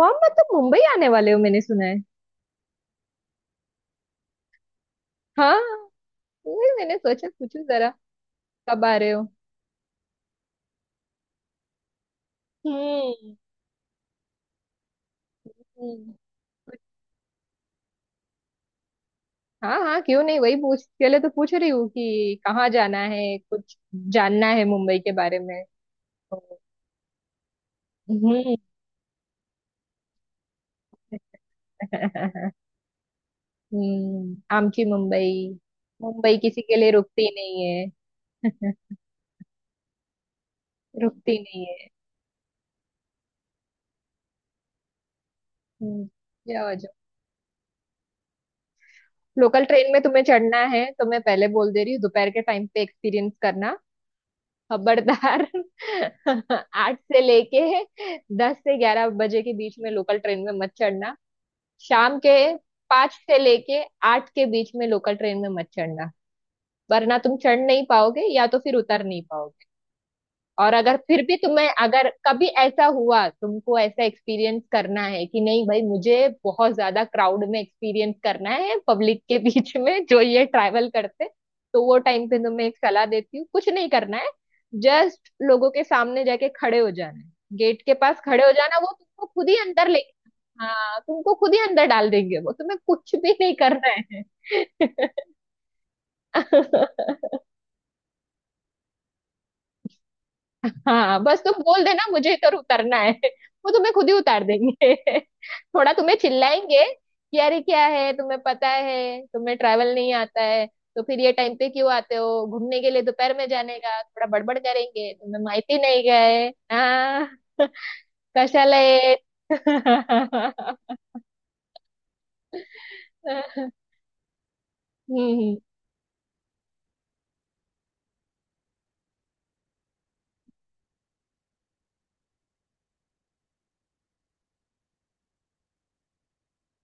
मोहम्मद, तुम मुंबई आने वाले हो मैंने सुना है। हाँ, वही मैंने सोचा पूछूं जरा। कब आ रहे हो? हम्म। हम्म। हाँ हाँ, क्यों नहीं, वही पूछ के लिए तो पूछ रही हूँ कि कहाँ जाना है, कुछ जानना है मुंबई के बारे में। तो, हम्म आमची मुंबई। मुंबई किसी के लिए रुकती नहीं है। रुकती नहीं है। हम्म, जाओ जाओ। लोकल ट्रेन में तुम्हें चढ़ना है तो मैं पहले बोल दे रही हूँ, दोपहर के टाइम पे एक्सपीरियंस करना। खबरदार। 8 से लेके 10 से 11 बजे के बीच में लोकल ट्रेन में मत चढ़ना। शाम के 5 से लेके 8 के बीच में लोकल ट्रेन में मत चढ़ना, वरना तुम चढ़ नहीं पाओगे या तो फिर उतर नहीं पाओगे। और अगर फिर भी तुम्हें अगर कभी ऐसा हुआ, तुमको ऐसा एक्सपीरियंस करना है कि नहीं भाई मुझे बहुत ज्यादा क्राउड में एक्सपीरियंस करना है, पब्लिक के बीच में जो ये ट्रैवल करते, तो वो टाइम पे तुम्हें एक सलाह देती हूँ, कुछ नहीं करना है। जस्ट लोगों के सामने जाके खड़े हो जाना है, गेट के पास खड़े हो जाना, वो तुमको खुद ही अंदर ले। हाँ, तुमको खुद ही अंदर डाल देंगे, वो तुम्हें कुछ भी नहीं करना है। हाँ बस तुम बोल देना मुझे इधर उतरना है, वो तुम्हें खुद ही उतार देंगे। थोड़ा तुम्हें चिल्लाएंगे कि अरे क्या है, तुम्हें पता है तुम्हें ट्रैवल नहीं आता है, तो फिर ये टाइम पे क्यों आते हो घूमने के लिए, दोपहर में जाने का, थोड़ा बड़बड़ करेंगे, तुम्हें माहिती नहीं गए। हाँ, कशाला येत? हम्म।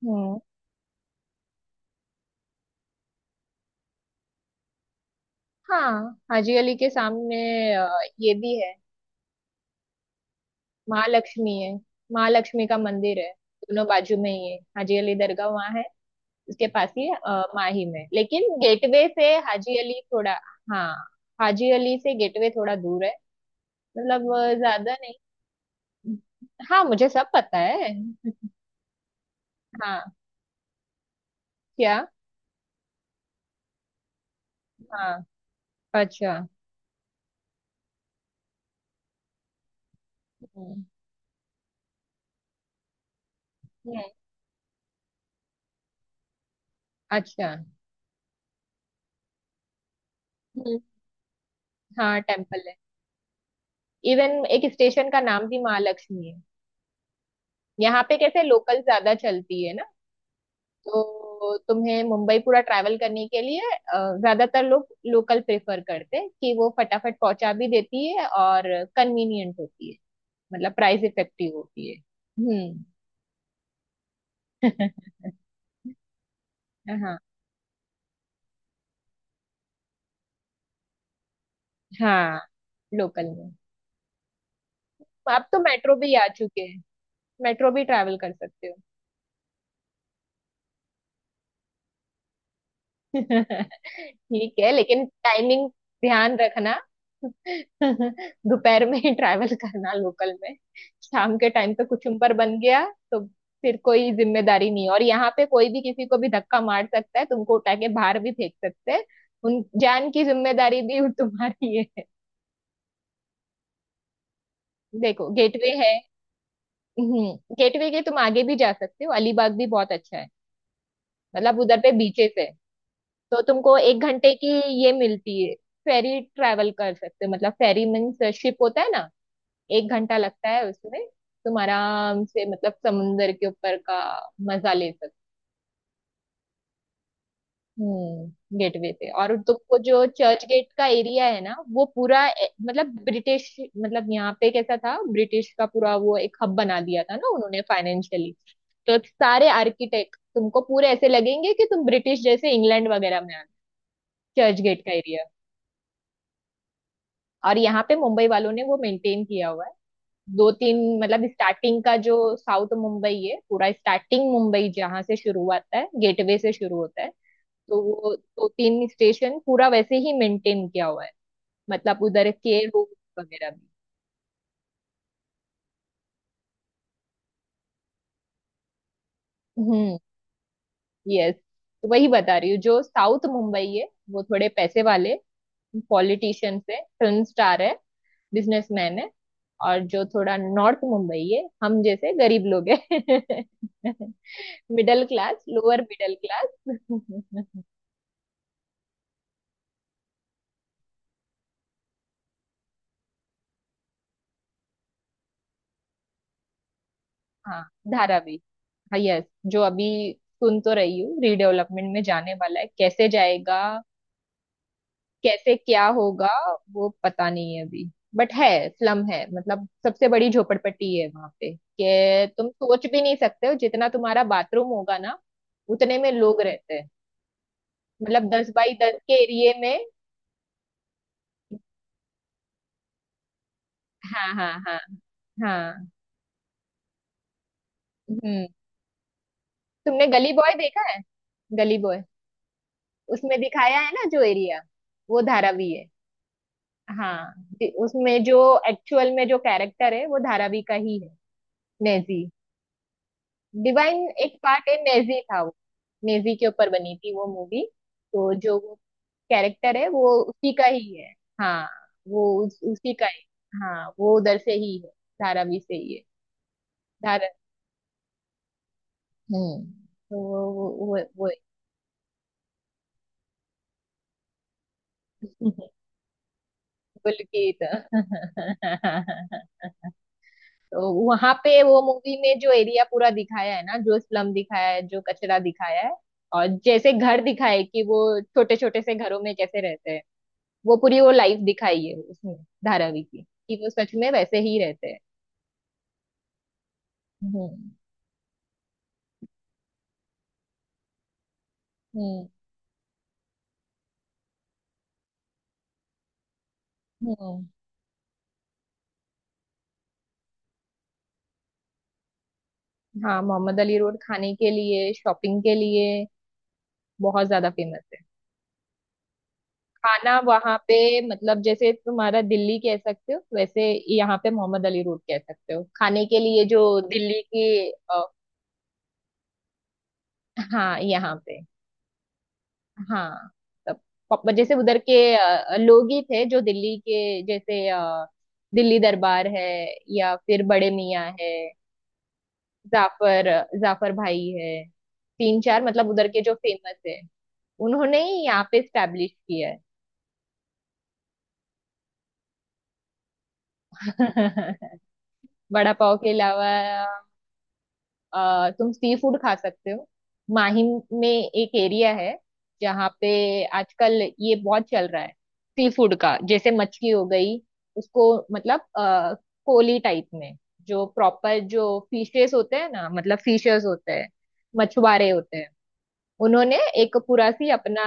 हम्म। हाँ, हाजी अली के सामने अ, ये भी है, महालक्ष्मी है, महालक्ष्मी का मंदिर है। दोनों बाजू में ही है, हाजी अली दरगाह वहाँ है, उसके पास ही माही में, लेकिन गेटवे से हाजी अली थोड़ा। हाँ, हाजी अली से गेटवे थोड़ा दूर है, मतलब ज्यादा नहीं। हाँ मुझे सब पता है। हाँ। क्या? हाँ। अच्छा। हम्म। हम्म। अच्छा। हम्म। हाँ टेम्पल है, इवन एक स्टेशन का नाम भी महालक्ष्मी है। यहाँ पे कैसे, लोकल ज्यादा चलती है ना, तो तुम्हें मुंबई पूरा ट्रैवल करने के लिए ज्यादातर लोग लोकल प्रेफर करते हैं कि वो फटाफट पहुंचा भी देती है और कन्वीनियंट होती है, मतलब प्राइस इफेक्टिव होती है। हम्म। हाँ हाँ। लोकल में। अब तो मेट्रो भी आ चुके हैं, मेट्रो भी ट्रैवल कर सकते हो। ठीक है, लेकिन टाइमिंग ध्यान रखना। दोपहर में ही ट्रैवल करना लोकल में। शाम के टाइम पे कुछ ऊपर बन गया तो फिर कोई जिम्मेदारी नहीं, और यहाँ पे कोई भी किसी को भी धक्का मार सकता है, तुमको उठा के बाहर भी फेंक सकते हैं, उन जान की जिम्मेदारी भी वो तुम्हारी है। देखो गेटवे है, गेटवे के तुम आगे भी जा सकते हो, अलीबाग भी बहुत अच्छा है, मतलब उधर पे बीचेस है। तो तुमको 1 घंटे की ये मिलती है, फेरी, ट्रैवल कर सकते हो, मतलब फेरी मीन्स शिप होता है ना। 1 घंटा लगता है उसमें, तुम आराम से मतलब समुंदर के ऊपर का मजा ले सकते हो। हम्म। गेटवे पे, और तुमको जो चर्च गेट का एरिया है ना, वो पूरा मतलब ब्रिटिश, मतलब यहाँ पे कैसा था, ब्रिटिश का पूरा वो एक हब बना दिया था ना उन्होंने फाइनेंशियली। तो सारे आर्किटेक्ट तुमको पूरे ऐसे लगेंगे कि तुम ब्रिटिश जैसे इंग्लैंड वगैरह में आ, चर्च गेट का एरिया। और यहाँ पे मुंबई वालों ने वो मेंटेन किया हुआ है, दो तीन, मतलब स्टार्टिंग का जो साउथ मुंबई है, पूरा स्टार्टिंग मुंबई जहाँ से शुरू होता है गेटवे से शुरू होता है, तो वो दो तीन स्टेशन पूरा वैसे ही मेंटेन किया हुआ है, मतलब उधर के रूम वगैरह भी। हम्म। यस। तो वही बता रही हूँ, जो साउथ मुंबई है वो थोड़े पैसे वाले, पॉलिटिशियंस है, फिल्म स्टार है, बिजनेसमैन है। और जो थोड़ा नॉर्थ मुंबई है, हम जैसे गरीब लोग हैं, middle class, lower middle class. हाँ, धारावी। हाँ यस, जो अभी सुन तो रही हूँ रीडेवलपमेंट में जाने वाला है, कैसे जाएगा, कैसे क्या होगा, वो पता नहीं है अभी। बट है, स्लम है, मतलब सबसे बड़ी झोपड़पट्टी है वहां पे, कि तुम सोच भी नहीं सकते हो, जितना तुम्हारा बाथरूम होगा ना उतने में लोग रहते हैं, मतलब 10 बाई 10 के एरिए में। हाँ हाँ हाँ हाँ। हम्म। तुमने गली बॉय देखा है? गली बॉय, उसमें दिखाया है ना जो एरिया, वो धारावी है। हाँ, उसमें जो एक्चुअल में जो कैरेक्टर है, वो धारावी का ही है, नेजी। डिवाइन एक पार्ट है, नेजी था वो, नेजी के ऊपर बनी थी वो मूवी। तो जो वो कैरेक्टर है वो उसी का ही है। हाँ वो उसी का ही। हाँ वो उधर से ही है, धारावी से ही है। धारा, हम्म। तो वो वो पुलकित। तो वहां पे वो मूवी में जो एरिया पूरा दिखाया है ना, जो स्लम दिखाया है, जो कचरा दिखाया है, और जैसे घर दिखाए कि वो छोटे छोटे से घरों में कैसे रहते हैं, वो पूरी वो लाइफ दिखाई है उसमें, धारावी की, कि वो सच में वैसे ही रहते हैं। हम्म। हम्म। हम्म। हाँ, मोहम्मद अली रोड खाने के लिए, शॉपिंग के लिए बहुत ज्यादा फेमस है। खाना वहां पे, मतलब जैसे तुम्हारा दिल्ली कह सकते हो, वैसे यहाँ पे मोहम्मद अली रोड कह सकते हो खाने के लिए, जो दिल्ली की हाँ यहाँ पे। हाँ तब, जैसे उधर के लोग ही थे जो दिल्ली के जैसे, दिल्ली दरबार है, या फिर बड़े मियाँ है, जाफर, जाफर भाई है, तीन चार, मतलब उधर के जो फेमस है, उन्होंने ही यहाँ पे स्टैब्लिश किया है। वड़ा पाव के अलावा तुम सी फूड खा सकते हो। माहिम में एक एरिया है जहाँ पे आजकल ये बहुत चल रहा है, सी फूड का, जैसे मछली हो गई, उसको मतलब कोली टाइप में, जो प्रॉपर जो फिशेस होते हैं ना, मतलब फिशर्स होते हैं, मछुआरे होते हैं, उन्होंने एक पूरा सी अपना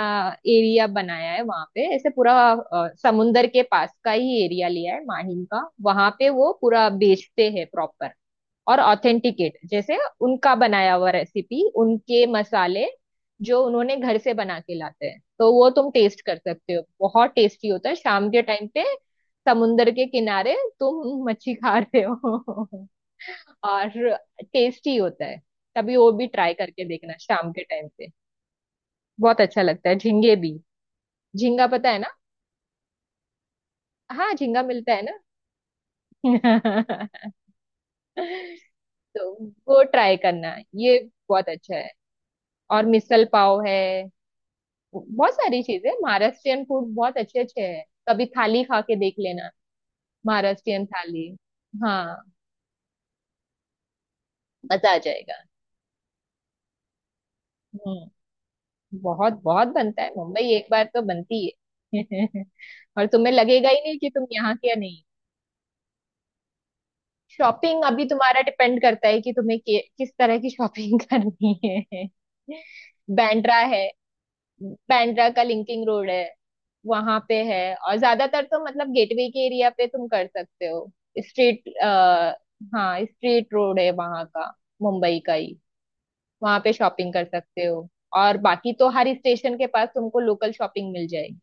एरिया बनाया है वहां पे, ऐसे पूरा समुंदर के पास का ही एरिया लिया है माहिम का, वहां पे वो पूरा बेचते हैं, प्रॉपर और ऑथेंटिकेट, जैसे उनका बनाया हुआ रेसिपी, उनके मसाले जो उन्होंने घर से बना के लाते हैं, तो वो तुम टेस्ट कर सकते हो। बहुत टेस्टी होता है शाम के टाइम पे, समुंदर के किनारे तुम मच्छी खा रहे हो, और टेस्टी होता है। तभी वो भी ट्राई करके देखना शाम के टाइम पे, बहुत अच्छा लगता है। झींगे भी, झींगा पता है ना, हाँ झींगा मिलता है ना। तो वो ट्राई करना, ये बहुत अच्छा है। और मिसल पाव है, बहुत सारी चीजें, महाराष्ट्रियन फूड बहुत अच्छे अच्छे हैं, कभी थाली खा के देख लेना, महाराष्ट्रियन थाली। हाँ, मजा आ जाएगा। हम्म। बहुत बहुत बनता है, मुंबई एक बार तो बनती है। और तुम्हें लगेगा ही नहीं कि तुम यहाँ, क्या नहीं। शॉपिंग अभी तुम्हारा डिपेंड करता है कि तुम्हें किस तरह की शॉपिंग करनी है। बैंड्रा है, बांद्रा का लिंकिंग रोड है, वहां पे है, और ज्यादातर तो मतलब गेटवे के एरिया पे तुम कर सकते हो। स्ट्रीट आ, हाँ स्ट्रीट रोड है वहां का, मुंबई का ही, वहां पे शॉपिंग कर सकते हो। और बाकी तो हर स्टेशन के पास तुमको लोकल शॉपिंग मिल जाएगी,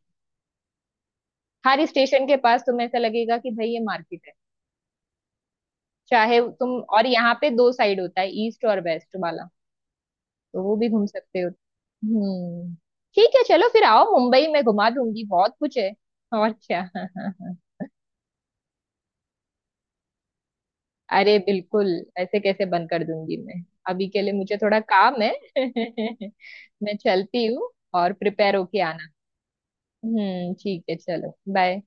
हर स्टेशन के पास तुम्हें ऐसा लगेगा कि भाई ये मार्केट है, चाहे तुम। और यहाँ पे दो साइड होता है, ईस्ट और वेस्ट वाला, तो वो भी घूम सकते हो। हम्म, ठीक है, चलो फिर आओ, मुंबई में घुमा दूंगी बहुत कुछ है, और क्या। अरे बिल्कुल, ऐसे कैसे बंद कर दूंगी मैं। अभी के लिए मुझे थोड़ा काम है, मैं चलती हूँ, और प्रिपेयर होके आना। ठीक है, चलो बाय।